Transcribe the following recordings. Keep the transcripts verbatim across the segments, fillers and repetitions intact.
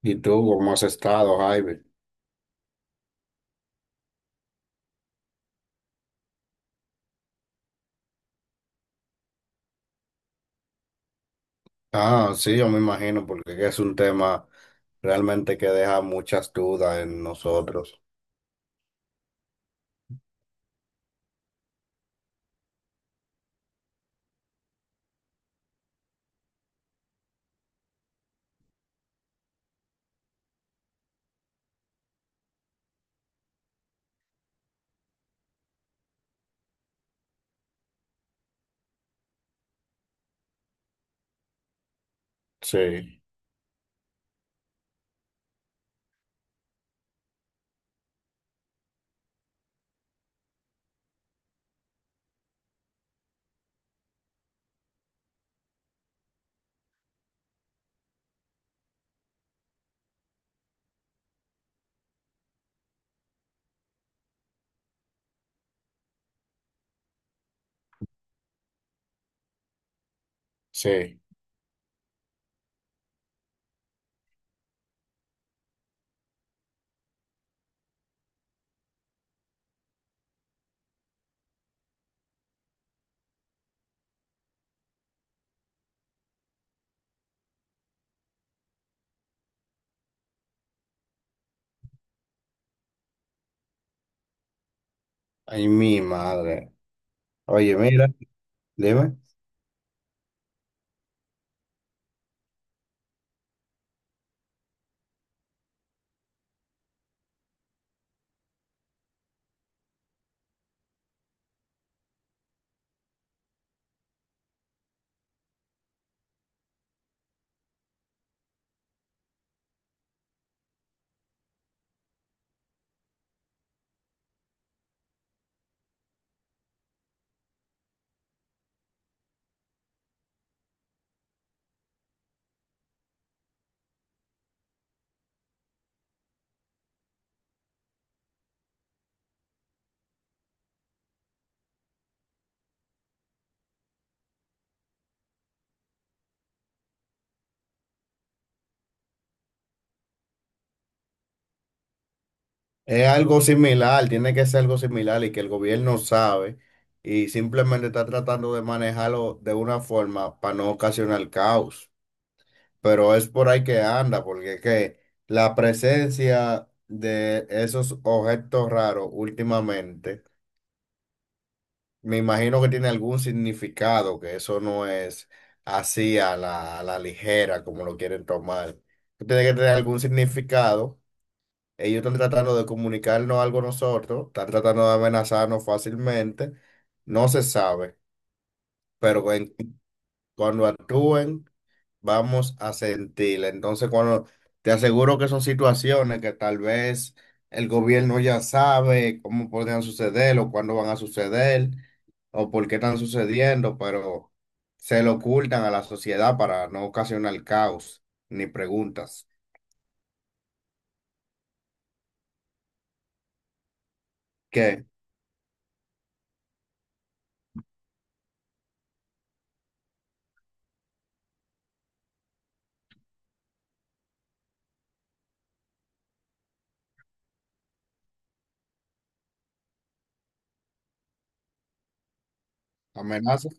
¿Y tú cómo has estado, Jaime? Ah, sí, yo me imagino, porque es un tema realmente que deja muchas dudas en nosotros. Sí, sí. Ay, mi madre. Oye, mira, dime, es algo similar, tiene que ser algo similar y que el gobierno sabe y simplemente está tratando de manejarlo de una forma para no ocasionar caos. Pero es por ahí que anda, porque es que la presencia de esos objetos raros últimamente. Me imagino que tiene algún significado, que eso no es así a la, a la ligera como lo quieren tomar. Tiene que tener algún significado. Ellos están tratando de comunicarnos algo a nosotros, están tratando de amenazarnos fácilmente. No se sabe, pero en cuando actúen, vamos a sentirla. Entonces, cuando te aseguro que son situaciones que tal vez el gobierno ya sabe cómo podrían suceder o cuándo van a suceder o por qué están sucediendo, pero se lo ocultan a la sociedad para no ocasionar caos ni preguntas. ¿Qué? ¿Amenazas?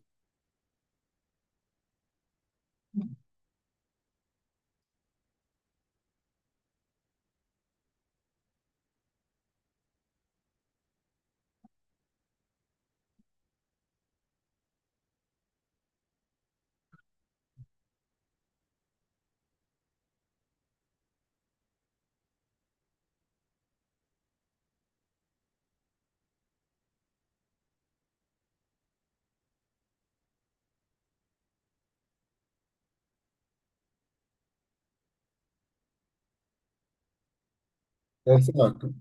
Exacto.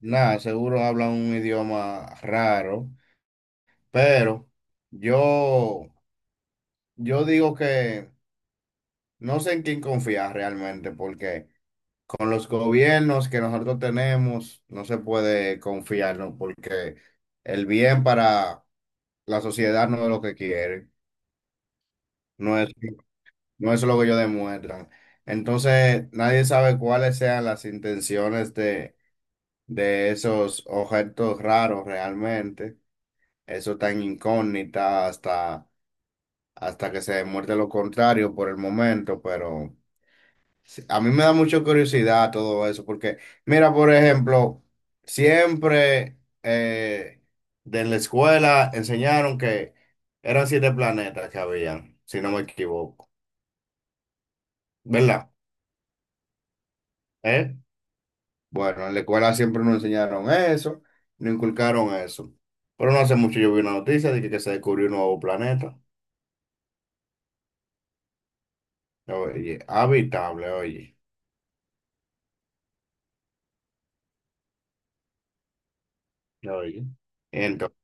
Nada, seguro hablan un idioma raro, pero yo, yo digo que no sé en quién confiar realmente, porque con los gobiernos que nosotros tenemos no se puede confiar, ¿no? Porque el bien para la sociedad no es lo que quiere, no es, no es lo que ellos demuestran. Entonces, nadie sabe cuáles sean las intenciones de, de esos objetos raros realmente. Eso está en incógnita hasta, hasta que se demuestre lo contrario por el momento, pero... A mí me da mucha curiosidad todo eso, porque mira, por ejemplo, siempre eh, de la escuela enseñaron que eran siete planetas que habían, si no me equivoco, ¿verdad? ¿Eh? Bueno, en la escuela siempre nos enseñaron eso, nos inculcaron eso. Pero no hace mucho yo vi una noticia de que, que se descubrió un nuevo planeta, oye, habitable, oye. Oye. Entonces,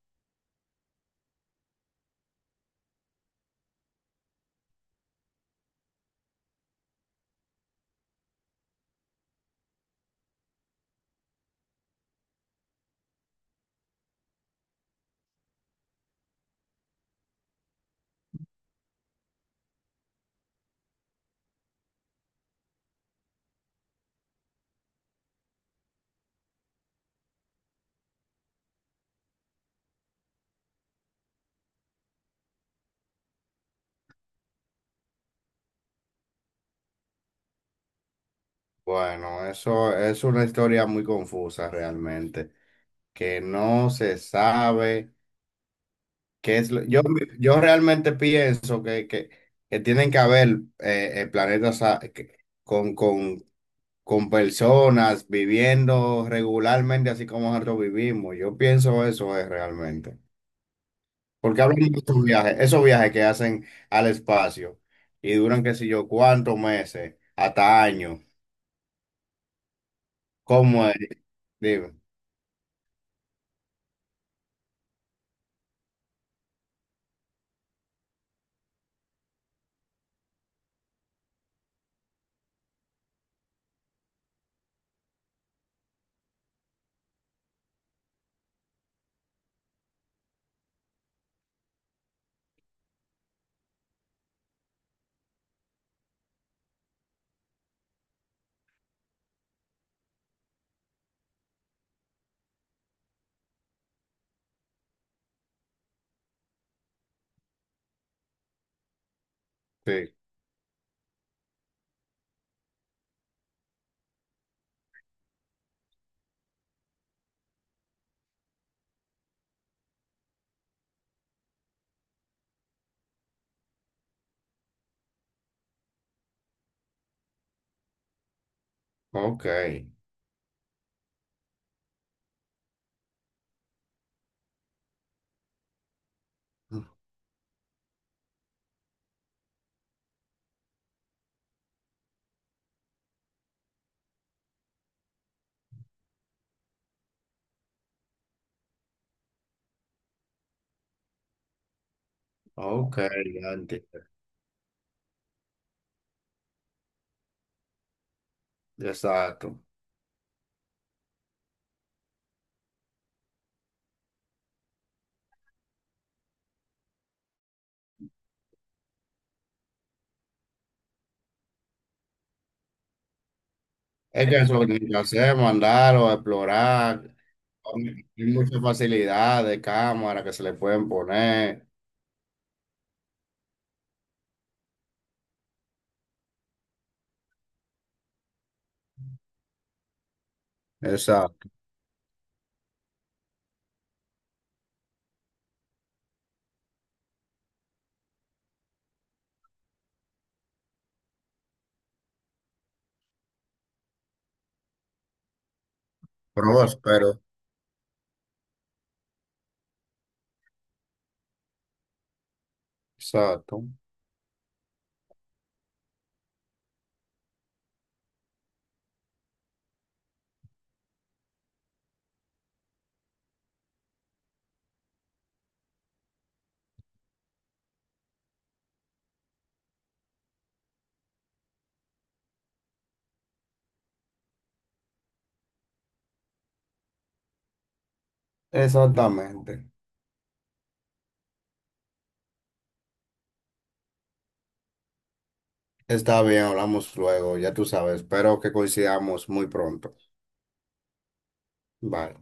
bueno, eso es una historia muy confusa realmente, que no se sabe qué es lo- Yo, yo realmente pienso que, que, que tienen que haber eh, eh, planetas a- que- con, con, con personas viviendo regularmente así como nosotros vivimos. Yo pienso eso es realmente. Porque hablamos de estos viajes, esos viajes que hacen al espacio y duran qué sé yo cuántos meses, hasta años. ¿Cómo es? Dime. Sí. Ok. Ok, ya entiendo. Exacto. Es que eso es lo que hay que o explorar. Hay muchas facilidades, cámaras que se le pueden poner. Exacto. Próspero. Exacto. Exactamente. Está bien, hablamos luego, ya tú sabes. Espero que coincidamos muy pronto. Bye.